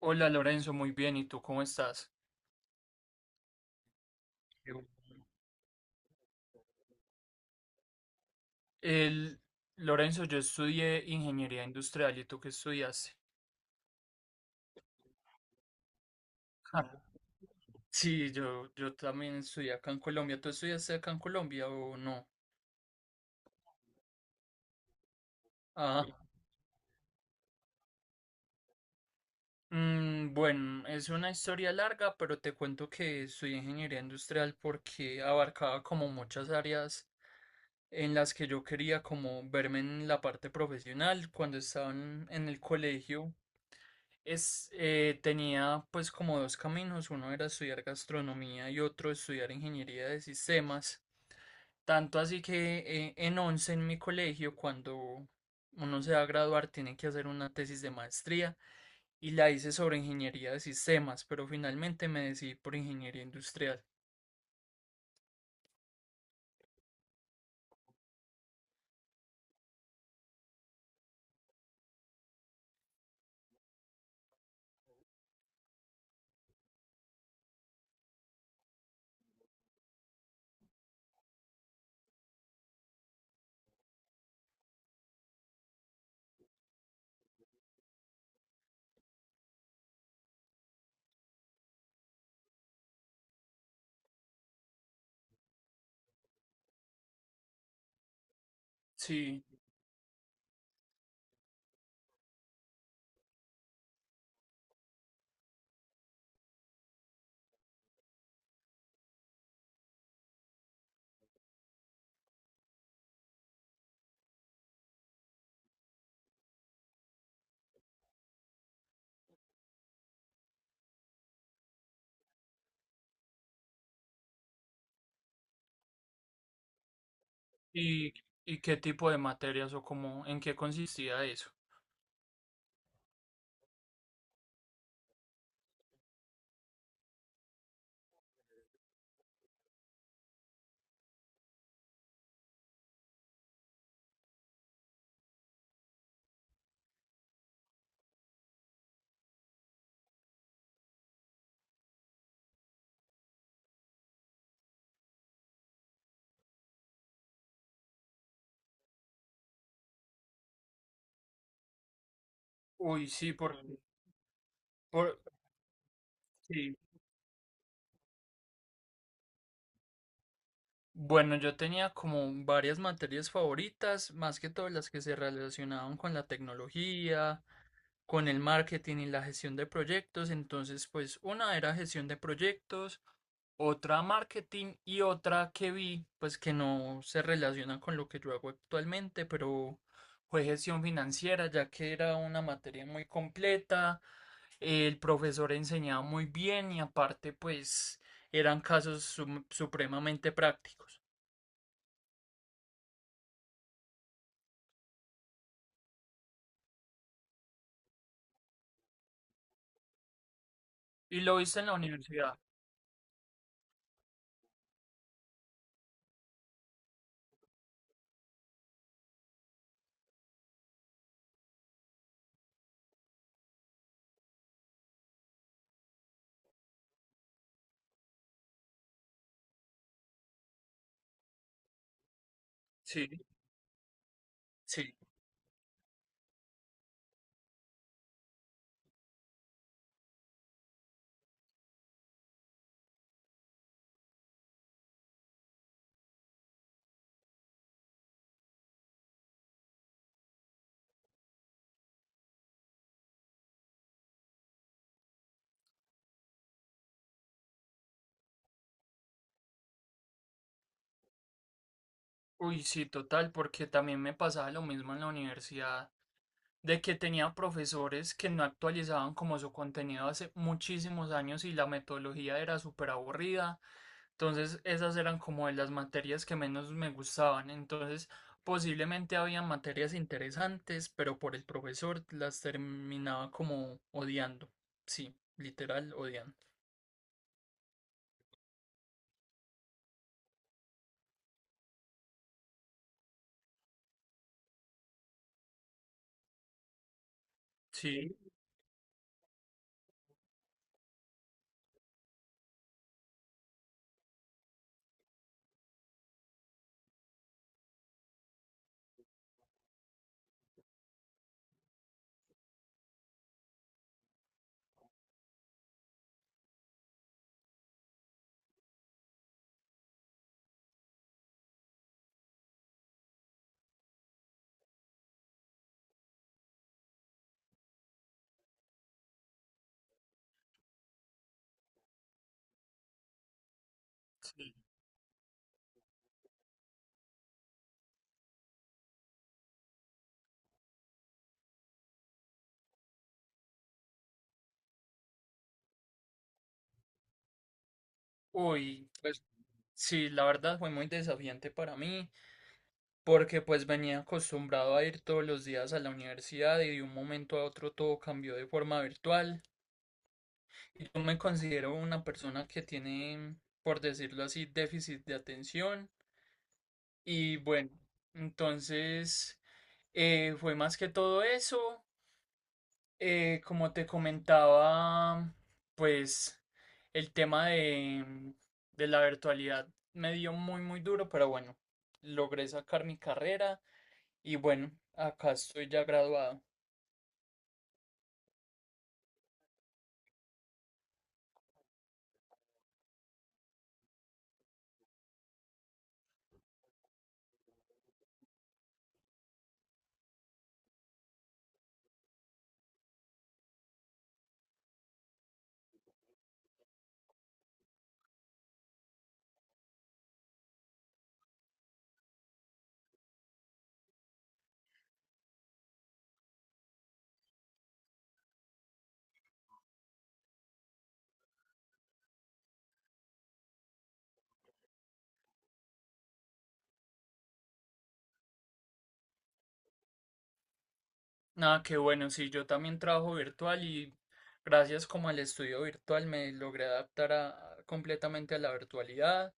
Hola Lorenzo, muy bien. ¿Y tú cómo estás? Qué bueno. El, Lorenzo, yo estudié ingeniería industrial. ¿Y tú qué estudiaste? Ah, sí, yo también estudié acá en Colombia. ¿Tú estudiaste acá en Colombia o no? Ah, bueno, es una historia larga, pero te cuento que estudié ingeniería industrial porque abarcaba como muchas áreas en las que yo quería como verme en la parte profesional. Cuando estaba en el colegio, tenía pues como dos caminos, uno era estudiar gastronomía y otro estudiar ingeniería de sistemas. Tanto así que en 11 en mi colegio, cuando uno se va a graduar, tiene que hacer una tesis de maestría y la hice sobre ingeniería de sistemas, pero finalmente me decidí por ingeniería industrial. Sí, ¿y, y qué tipo de materias o cómo, en qué consistía eso? Uy, sí, por, sí. Bueno, yo tenía como varias materias favoritas, más que todas las que se relacionaban con la tecnología, con el marketing y la gestión de proyectos. Entonces, pues una era gestión de proyectos, otra marketing y otra que vi, pues que no se relaciona con lo que yo hago actualmente, pero fue gestión financiera, ya que era una materia muy completa, el profesor enseñaba muy bien y aparte, pues eran casos supremamente prácticos. Y lo hice en la universidad, sí, sí. Uy, sí, total, porque también me pasaba lo mismo en la universidad, de que tenía profesores que no actualizaban como su contenido hace muchísimos años y la metodología era súper aburrida. Entonces, esas eran como de las materias que menos me gustaban. Entonces, posiblemente había materias interesantes, pero por el profesor las terminaba como odiando. Sí, literal, odiando. Sí, sí. Uy. Pues Sí, la verdad fue muy desafiante para mí, porque pues venía acostumbrado a ir todos los días a la universidad y de un momento a otro todo cambió de forma virtual. Y yo me considero una persona que tiene, por decirlo así, déficit de atención. Y bueno, entonces fue más que todo eso. Como te comentaba, pues el tema de de la virtualidad me dio muy, muy duro, pero bueno, logré sacar mi carrera y bueno, acá estoy ya graduado. Nada, que bueno, sí, yo también trabajo virtual y gracias como al estudio virtual me logré adaptar completamente a la virtualidad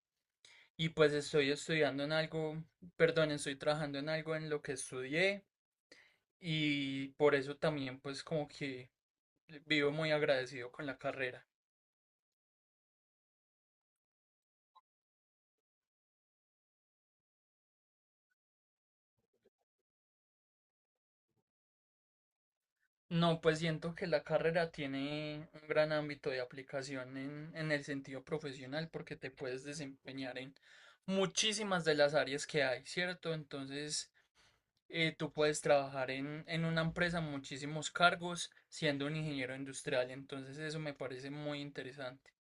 y pues estoy estudiando en algo, perdón, estoy trabajando en algo en lo que estudié y por eso también pues como que vivo muy agradecido con la carrera. No, pues siento que la carrera tiene un gran ámbito de aplicación en el sentido profesional porque te puedes desempeñar en muchísimas de las áreas que hay, ¿cierto? Entonces, tú puedes trabajar en una empresa muchísimos cargos siendo un ingeniero industrial, entonces eso me parece muy interesante.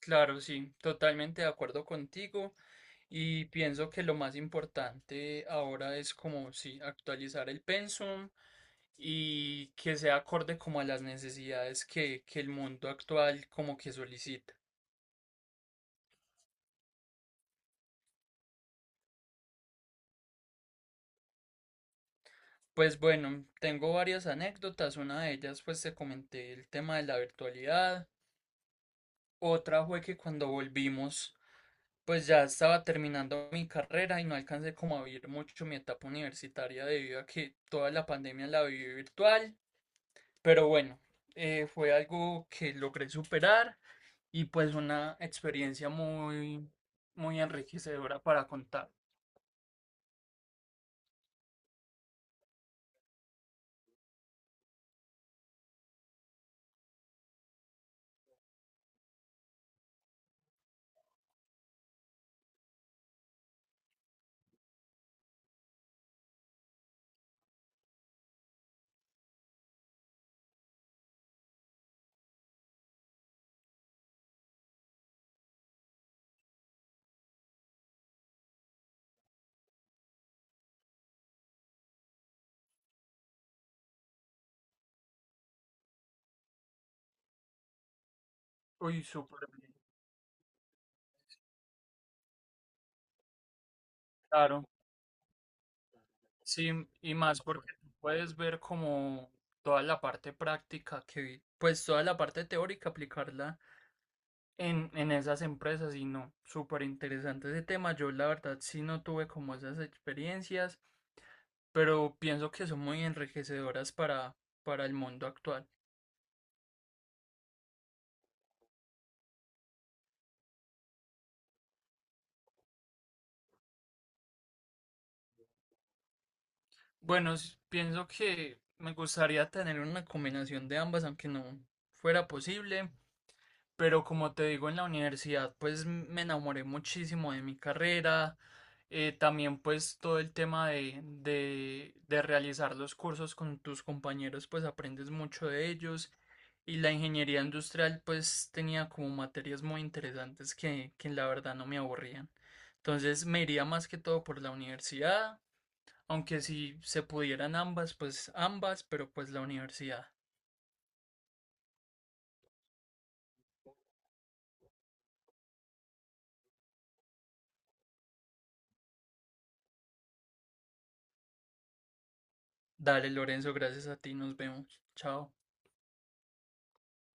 Claro, sí, totalmente de acuerdo contigo. Y pienso que lo más importante ahora es como si actualizar el pensum y que sea acorde como a las necesidades que el mundo actual como que solicita. Pues bueno, tengo varias anécdotas, una de ellas pues te comenté el tema de la virtualidad, otra fue que cuando volvimos pues ya estaba terminando mi carrera y no alcancé como a vivir mucho mi etapa universitaria debido a que toda la pandemia la viví virtual, pero bueno, fue algo que logré superar y pues una experiencia muy, muy enriquecedora para contar. Uy, súper bien, claro. Sí, y más porque tú puedes ver como toda la parte práctica que, pues toda la parte teórica, aplicarla en esas empresas y no, súper interesante ese tema. Yo la verdad sí no tuve como esas experiencias, pero pienso que son muy enriquecedoras para el mundo actual. Bueno, pienso que me gustaría tener una combinación de ambas, aunque no fuera posible. Pero como te digo, en la universidad, pues me enamoré muchísimo de mi carrera. También pues todo el tema de realizar los cursos con tus compañeros, pues aprendes mucho de ellos. Y la ingeniería industrial pues tenía como materias muy interesantes que la verdad no me aburrían. Entonces me iría más que todo por la universidad. Aunque si se pudieran ambas, pues ambas, pero pues la universidad. Dale, Lorenzo, gracias a ti, nos vemos. Chao.